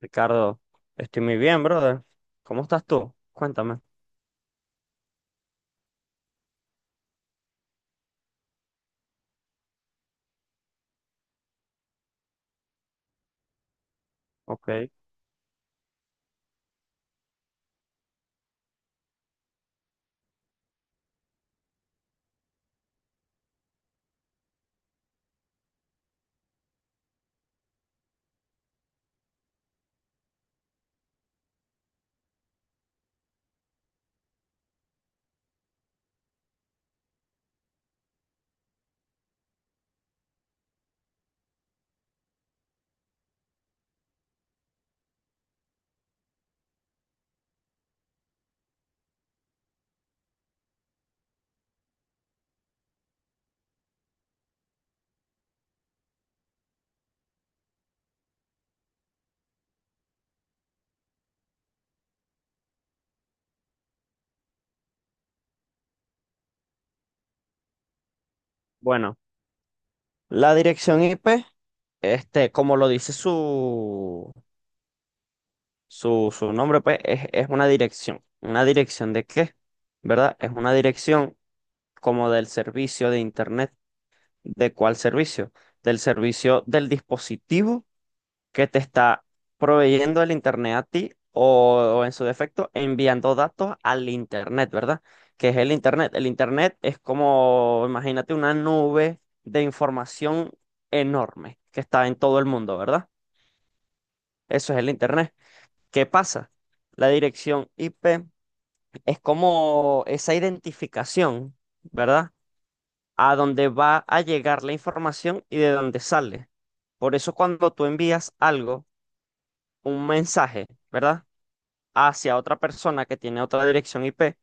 Ricardo, estoy muy bien, brother. ¿Cómo estás tú? Cuéntame. Ok. Bueno, la dirección IP, como lo dice su nombre, pues, es una dirección. ¿Una dirección de qué? ¿Verdad? Es una dirección como del servicio de Internet. ¿De cuál servicio? Del servicio del dispositivo que te está proveyendo el Internet a ti o en su defecto enviando datos al Internet, ¿verdad? ¿Que es el Internet? El Internet es como, imagínate, una nube de información enorme que está en todo el mundo, ¿verdad? Eso es el Internet. ¿Qué pasa? La dirección IP es como esa identificación, ¿verdad? A dónde va a llegar la información y de dónde sale. Por eso cuando tú envías algo, un mensaje, ¿verdad?, hacia otra persona que tiene otra dirección IP,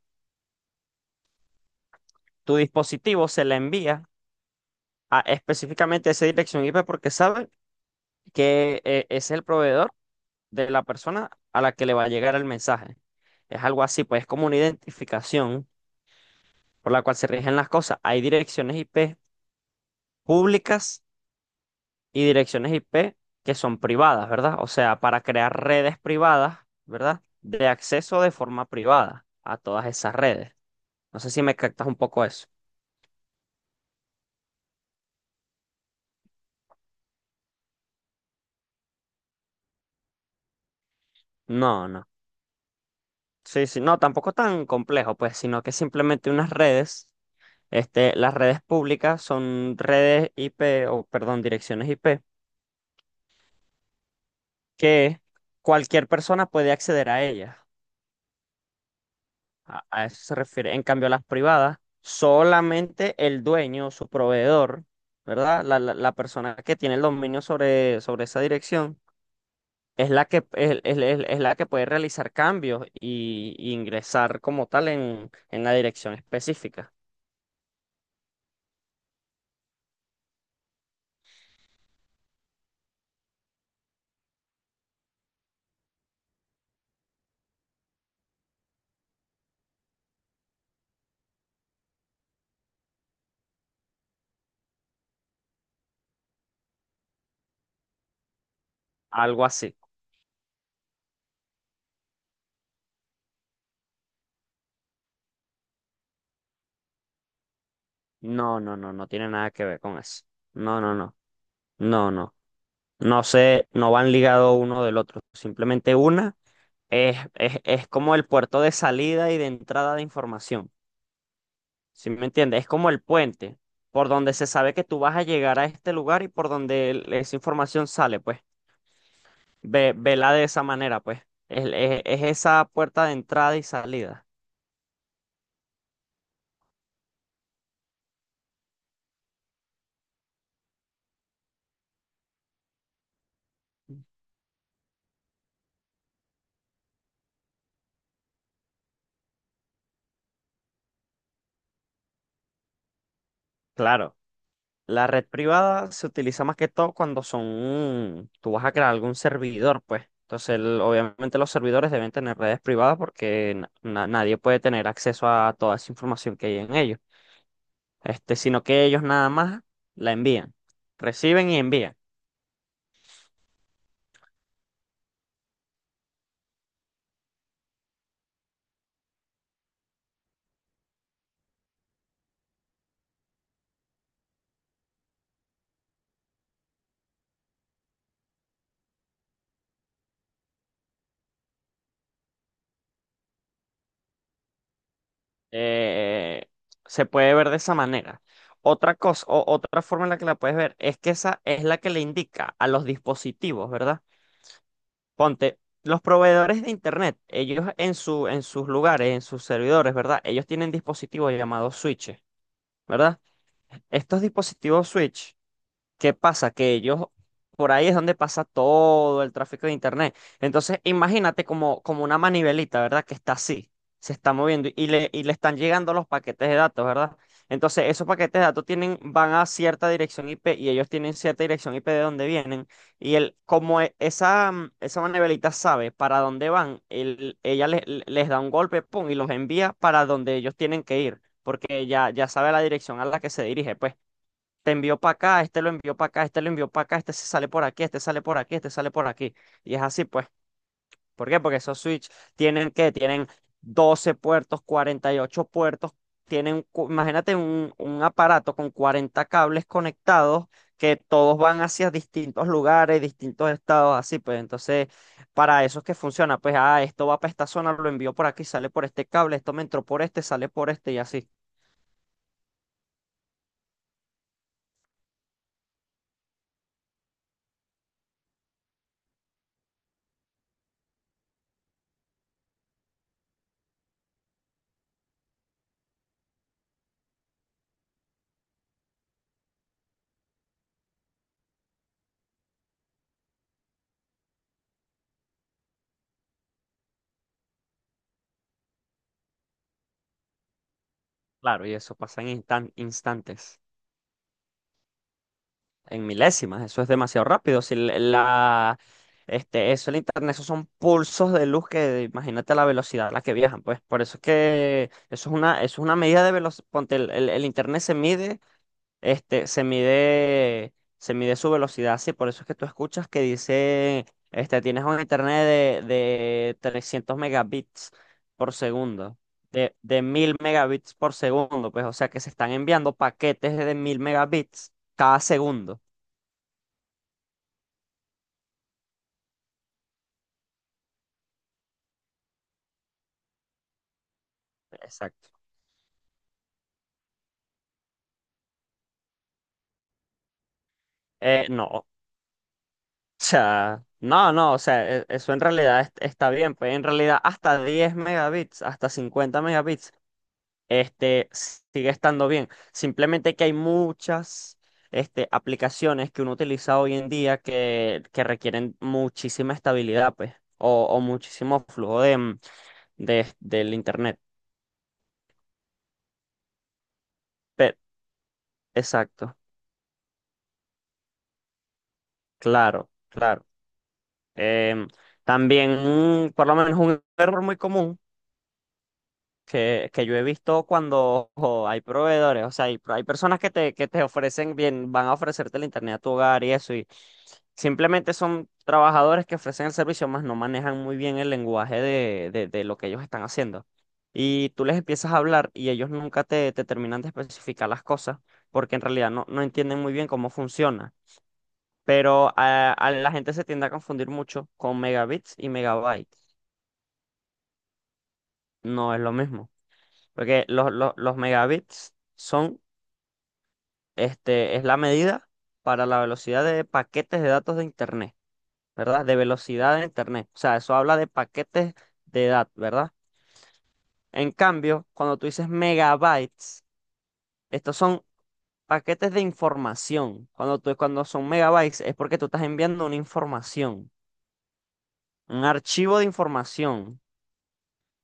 tu dispositivo se la envía a específicamente esa dirección IP porque sabe que es el proveedor de la persona a la que le va a llegar el mensaje. Es algo así, pues es como una identificación por la cual se rigen las cosas. Hay direcciones IP públicas y direcciones IP que son privadas, ¿verdad? O sea, para crear redes privadas, ¿verdad? De acceso de forma privada a todas esas redes. No sé si me captas un poco eso. No, no. Sí, sí, no, tampoco tan complejo, pues, sino que simplemente unas redes, las redes públicas son redes IP, o perdón, direcciones IP, que cualquier persona puede acceder a ellas. A eso se refiere. En cambio, las privadas, solamente el dueño, su proveedor, ¿verdad? La persona que tiene el dominio sobre esa dirección, es la que puede realizar cambios y ingresar como tal en la dirección específica. Algo así. No, no, no, no tiene nada que ver con eso. No, no, no, no, no. No sé, no van ligados uno del otro. Simplemente una es como el puerto de salida y de entrada de información. ¿Sí me entiendes? Es como el puente por donde se sabe que tú vas a llegar a este lugar y por donde esa información sale, pues. Vela de esa manera, pues. Es esa puerta de entrada y salida. Claro. La red privada se utiliza más que todo cuando son, tú vas a crear algún servidor, pues. Entonces, obviamente los servidores deben tener redes privadas porque nadie puede tener acceso a toda esa información que hay en ellos. Este, sino que ellos nada más la envían, reciben y envían. Eh, se puede ver de esa manera. Otra cosa, o otra forma en la que la puedes ver es que esa es la que le indica a los dispositivos, ¿verdad? Ponte, los proveedores de internet, ellos en su, en sus lugares, en sus servidores, ¿verdad? Ellos tienen dispositivos llamados switches, ¿verdad? Estos dispositivos switch. ¿Qué pasa? Que ellos, por ahí es donde pasa todo el tráfico de Internet. Entonces, imagínate como, como una manivelita, ¿verdad? Que está así, se está moviendo y le están llegando los paquetes de datos, ¿verdad? Entonces, esos paquetes de datos tienen, van a cierta dirección IP y ellos tienen cierta dirección IP de donde vienen. Y el como esa, esa manivelita sabe para dónde van, ella les da un golpe, pum, y los envía para donde ellos tienen que ir, porque ya sabe la dirección a la que se dirige, pues te envió para acá, este lo envió para acá, este lo envió para acá, este se sale por aquí, este sale por aquí, este sale por aquí. Y es así, pues. ¿Por qué? Porque esos switch tienen 12 puertos, 48 puertos, tienen, imagínate un aparato con 40 cables conectados que todos van hacia distintos lugares, distintos estados, así, pues. Entonces, para eso es que funciona, pues, ah, esto va para esta zona, lo envío por aquí, sale por este cable, esto me entró por este, sale por este y así. Claro, y eso pasa en instantes. En milésimas, eso es demasiado rápido. Si l- la, este, eso, el internet, esos son pulsos de luz que imagínate la velocidad a la que viajan, pues. Por eso es que eso es una medida de velocidad. Ponte, el internet se mide, se mide su velocidad, sí. Por eso es que tú escuchas que dice, tienes un internet de 300 megabits por segundo. De 1000 megabits por segundo, pues, o sea que se están enviando paquetes de 1000 megabits cada segundo. Exacto. No, o sea, no, no, o sea, e- eso en realidad está bien, pues en realidad hasta 10 megabits, hasta 50 megabits, sigue estando bien. Simplemente que hay muchas, aplicaciones que uno utiliza hoy en día que requieren muchísima estabilidad, pues, o muchísimo flujo del internet. Pe- exacto, claro, claro. Em, también, por lo menos un error muy común que yo he visto cuando ojo, hay proveedores, o sea, hay personas que te ofrecen bien, van a ofrecerte el internet a tu hogar y eso, y simplemente son trabajadores que ofrecen el servicio, más no manejan muy bien el lenguaje de lo que ellos están haciendo. Y tú les empiezas a hablar y ellos nunca te terminan de especificar las cosas, porque en realidad no, no entienden muy bien cómo funciona. Pero a la gente se tiende a confundir mucho con megabits y megabytes. No es lo mismo, porque los megabits son. Este es la medida para la velocidad de paquetes de datos de Internet, ¿verdad? De velocidad de Internet. O sea, eso habla de paquetes de datos, ¿verdad? En cambio, cuando tú dices megabytes, estos son paquetes de información. Cuando son megabytes es porque tú estás enviando una información, un archivo de información,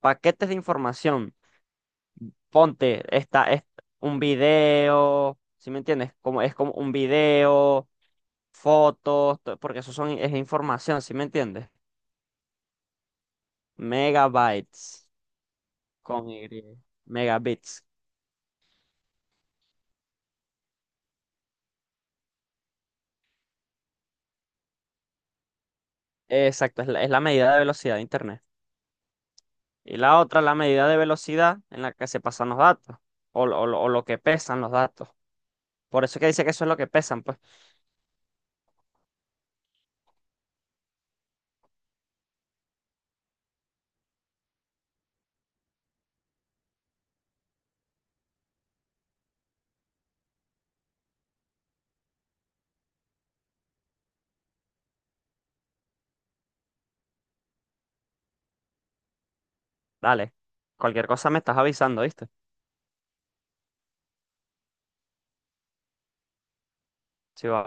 paquetes de información. Ponte, esta es un video, ¿sí me entiendes? Como, es como un video, fotos, porque eso son, es información, ¿sí me entiendes? Megabytes con Y, megabits. Exacto, es la medida de velocidad de Internet. Y la otra, la medida de velocidad en la que se pasan los datos, o lo que pesan los datos. Por eso es que dice que eso es lo que pesan, pues. Dale, cualquier cosa me estás avisando, ¿viste? Sí, va.